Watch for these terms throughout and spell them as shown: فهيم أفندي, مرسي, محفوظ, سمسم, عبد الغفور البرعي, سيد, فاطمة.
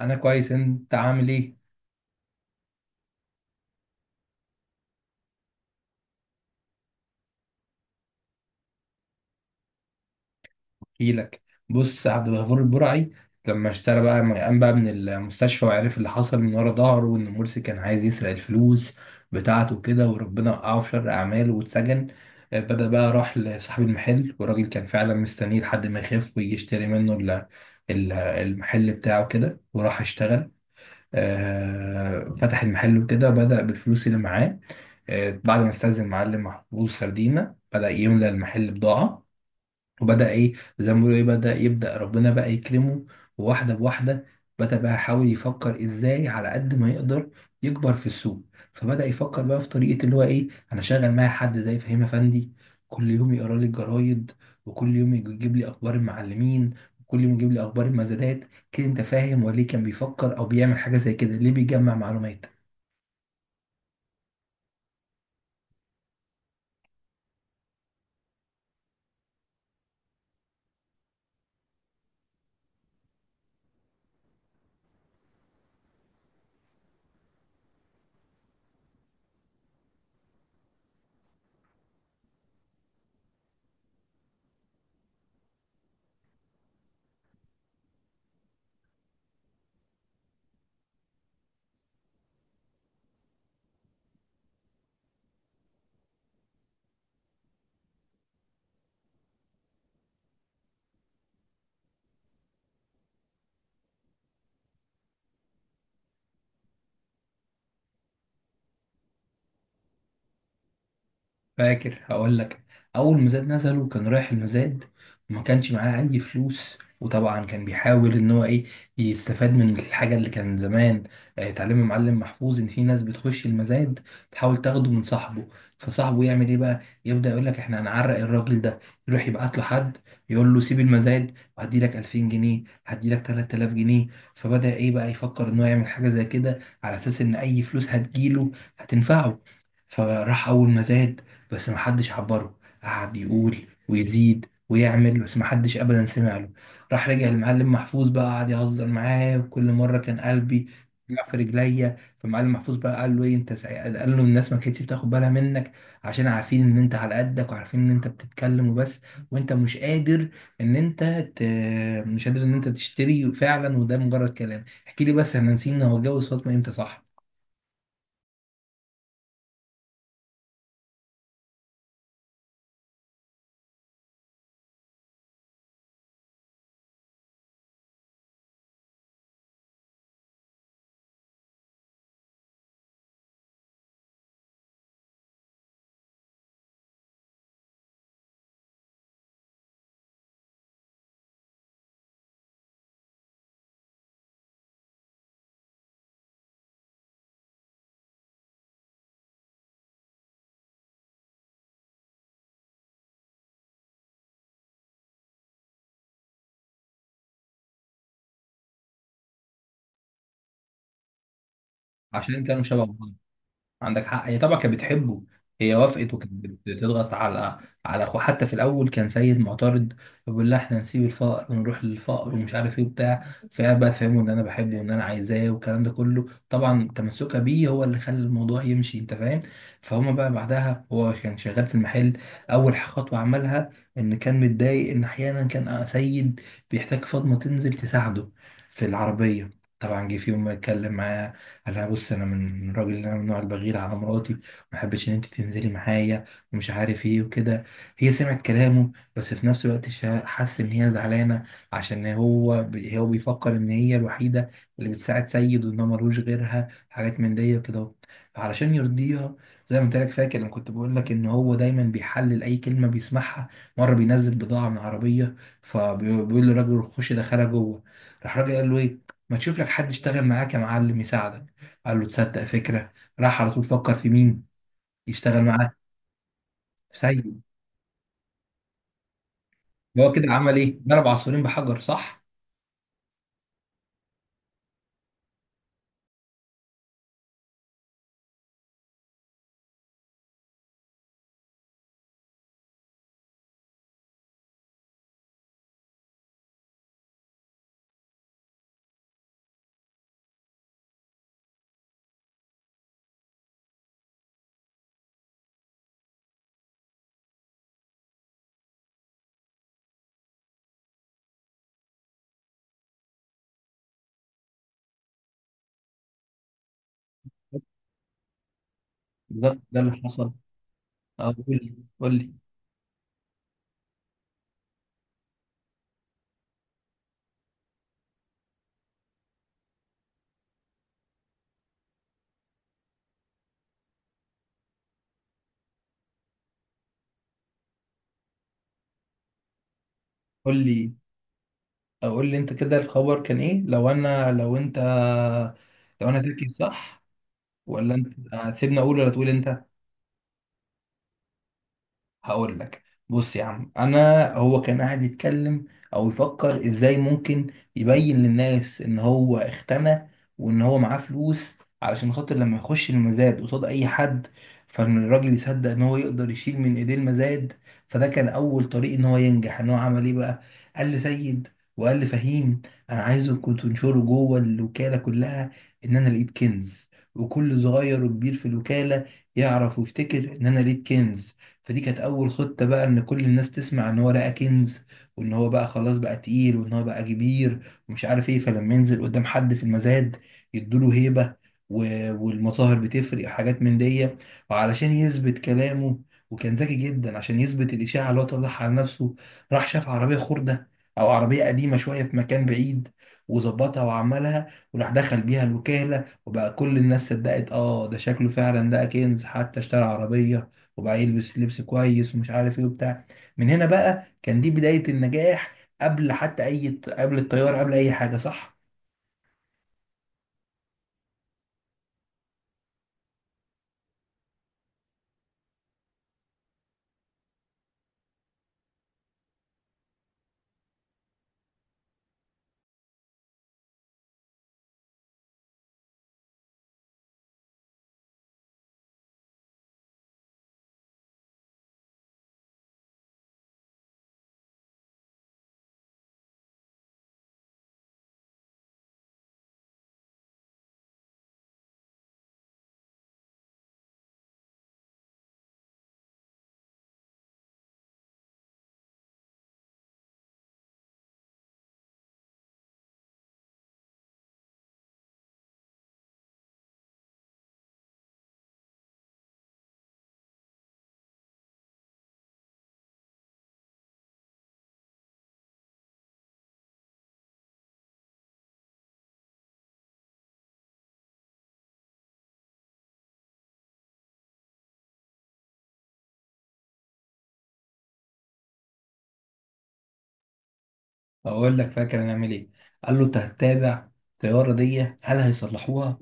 انا كويس. انت عامل ايه؟ احكيلك. بص، عبد الغفور البرعي لما اشترى بقى، لما قام بقى من المستشفى وعرف اللي حصل من ورا ظهره وان مرسي كان عايز يسرق الفلوس بتاعته وكده، وربنا وقعه في شر اعماله واتسجن. بدأ بقى راح لصاحب المحل، والراجل كان فعلا مستنيه لحد ما يخف ويجي يشتري منه المحل بتاعه كده وراح اشتغل. فتح المحل وكده، بدأ بالفلوس اللي معاه. بعد ما استأذن معلم محفوظ سردينة بدأ يملى المحل بضاعة، وبدأ إيه، زي ما بيقولوا إيه، بدأ ربنا بقى يكرمه واحدة بواحدة. بدأ بقى يحاول يفكر إزاي على قد ما يقدر يكبر في السوق، فبدأ يفكر بقى في طريقة اللي هو إيه. أنا شغال معايا حد زي فهيم أفندي، كل يوم يقرا لي الجرايد، وكل يوم يجيب لي أخبار المعلمين، وكل يوم يجيب لي أخبار المزادات. كده أنت فاهم، وليه كان بيفكر أو بيعمل حاجة زي كده؟ ليه بيجمع معلومات؟ فاكر، هقول لك. اول مزاد نزله كان رايح المزاد وما كانش معاه اي فلوس، وطبعا كان بيحاول ان هو ايه، يستفاد من الحاجه اللي كان زمان تعليم المعلم محفوظ ان في ناس بتخش المزاد تحاول تاخده من صاحبه، فصاحبه يعمل ايه بقى، يبدا يقول لك احنا هنعرق الراجل ده، يروح يبعت له حد يقول له سيب المزاد وهدي لك 2000 جنيه، هدي لك 3000 جنيه. فبدا ايه بقى، يفكر ان هو يعمل حاجه زي كده على اساس ان اي فلوس هتجيله هتنفعه. فراح اول مزاد، بس محدش عبره، قعد يقول ويزيد ويعمل، بس محدش ابدا سمع له. راح رجع المعلم محفوظ بقى، قعد يهزر معاه، وكل مره كان قلبي وقع في رجليا. فمعلم محفوظ بقى قال له ايه انت سعيد، قال له الناس ما كانتش بتاخد بالها منك، عشان عارفين ان انت على قدك، وعارفين ان انت بتتكلم وبس، وانت مش قادر ان انت ت... مش قادر ان انت تشتري فعلا، وده مجرد كلام. احكي لي بس، احنا نسينا، هو اتجوز فاطمه امتى؟ صح، عشان كانوا شبه بعض. عندك حق، هي طبعا كانت بتحبه. هي وافقت، وكانت بتضغط على اخوه، حتى في الاول كان سيد معترض، بيقول لها احنا نسيب الفقر ونروح للفقر، ومش عارف ايه وبتاع. فقعد بقى تفهمه ان انا بحبه وان انا عايزاه، والكلام ده كله، طبعا تمسكها بيه هو اللي خلى الموضوع يمشي. انت فاهم. فهما بقى بعدها، هو كان شغال في المحل. اول خطوه عملها، ان كان متضايق ان احيانا كان سيد بيحتاج فاطمه تنزل تساعده في العربيه. طبعا جه في يوم اتكلم معاه، قال لها بص، انا من راجل، انا من النوع البغير على مراتي، ما احبش ان انت تنزلي معايا ومش عارف ايه وكده. هي سمعت كلامه، بس في نفس الوقت حس ان هي زعلانه، عشان هو بيفكر ان هي الوحيده اللي بتساعد سيد، وان هو ملوش غيرها، حاجات من دي وكده. فعلشان يرضيها، زي ما انت لك فاكر لما كنت بقول لك ان هو دايما بيحلل اي كلمه بيسمعها، مره بينزل بضاعه من عربيه، فبيقول للراجل خش دخلها جوه. راح الراجل قال له ايه، ما تشوف لك حد يشتغل معاك يا معلم يساعدك؟ قال له تصدق فكرة. راح على طول فكر في مين يشتغل معاه، في سيد. هو كده عمل ايه، ضرب عصفورين بحجر، صح؟ بالظبط، ده اللي حصل. أو قول لي قول لي قول لي، أو قول لي انت كده الخبر كان ايه. لو انا، لو انت، لو انا فاكر صح، ولا انت؟ سيبني اقول ولا تقول انت. هقول لك. بص يا عم، انا هو كان قاعد يتكلم او يفكر ازاي ممكن يبين للناس ان هو اختنى وان هو معاه فلوس، علشان خاطر لما يخش المزاد قصاد اي حد، فان الراجل يصدق ان هو يقدر يشيل من ايديه المزاد. فده كان اول طريق ان هو ينجح. ان هو عمل ايه بقى، قال لسيد وقال لفهيم انا عايزكم تنشروا جوه الوكاله كلها ان انا لقيت كنز، وكل صغير وكبير في الوكاله يعرف ويفتكر ان انا لقيت كنز. فدي كانت اول خطة بقى، ان كل الناس تسمع ان هو لقى كنز، وان هو بقى خلاص بقى تقيل، وان هو بقى كبير ومش عارف ايه، فلما ينزل قدام حد في المزاد يدوله هيبة، والمظاهر بتفرق وحاجات من دي. وعلشان يثبت كلامه، وكان ذكي جدا، عشان يثبت الإشاعة اللي هو طلعها على نفسه، راح شاف عربية خردة أو عربية قديمة شوية في مكان بعيد، وظبطها وعملها، وراح دخل بيها الوكالة، وبقى كل الناس صدقت. اه، ده شكله فعلا ده كنز، حتى اشترى عربية، وبقى يلبس لبس كويس ومش عارف ايه وبتاع. من هنا بقى كان دي بداية النجاح، قبل حتى اي، قبل الطيارة، قبل اي حاجة، صح. اقول لك فاكر هنعمل ايه. قال له انت هتتابع الطياره دي، هل هيصلحوها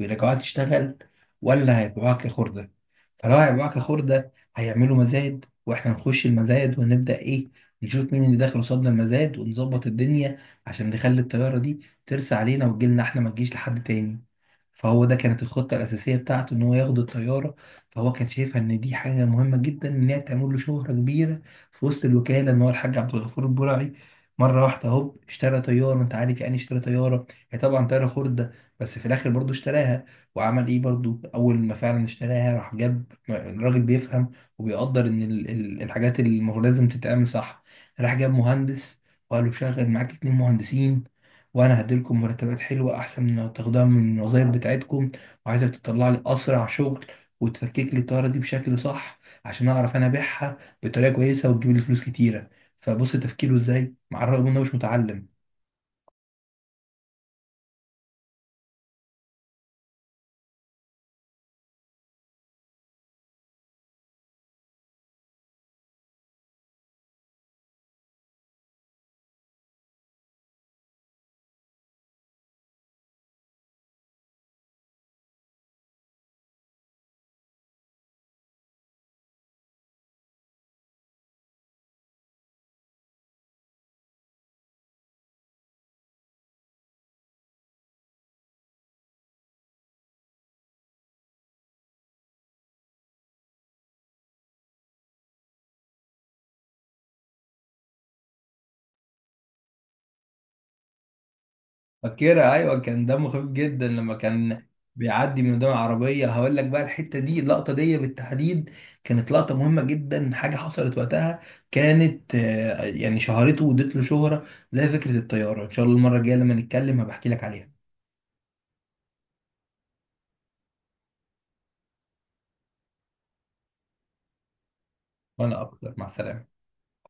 ويرجعوها تشتغل، ولا هيبيعوها كخرده؟ فلو هيبيعوها كخرده، هيعملوا مزاد، واحنا نخش المزاد ونبدا ايه، نشوف مين اللي داخل قصادنا المزاد، ونظبط الدنيا عشان نخلي الطياره دي ترسى علينا وتجيلنا احنا، ما تجيش لحد تاني. فهو ده كانت الخطة الأساسية بتاعته، إن هو ياخد الطيارة. فهو كان شايفها إن دي حاجة مهمة جدا، إن هي تعمل له شهرة كبيرة في وسط الوكالة، إن هو الحاج عبد الغفور البرعي مره واحده هوب اشترى طياره. انت عارف يعني إيه اشترى طياره؟ هي طبعا طياره خرده، بس في الاخر برضو اشتراها. وعمل ايه برضو، اول ما فعلا اشتراها، راح جاب راجل بيفهم وبيقدر ان الحاجات اللي المفروض لازم تتعمل صح. راح جاب مهندس، وقال له شغل معاك اتنين مهندسين، وانا هديلكم مرتبات حلوه احسن من تاخدوها من الوظايف بتاعتكم، وعايزك تطلع لي اسرع شغل وتفكك لي الطياره دي بشكل صح عشان اعرف انا ابيعها بطريقه كويسه وتجيب لي فلوس كتيره. فبص تفكيره ازاي، مع الرغم انه مش متعلم. فاكرها، ايوه، كان دمه خفيف جدا لما كان بيعدي من قدام العربيه. هقول لك بقى، الحته دي، اللقطه دي بالتحديد، كانت لقطه مهمه جدا، حاجه حصلت وقتها كانت يعني شهرته، وادت له شهره، زي فكره الطياره. ان شاء الله المره الجايه لما نتكلم هبحكي لك عليها. وانا اكتر، مع السلامه.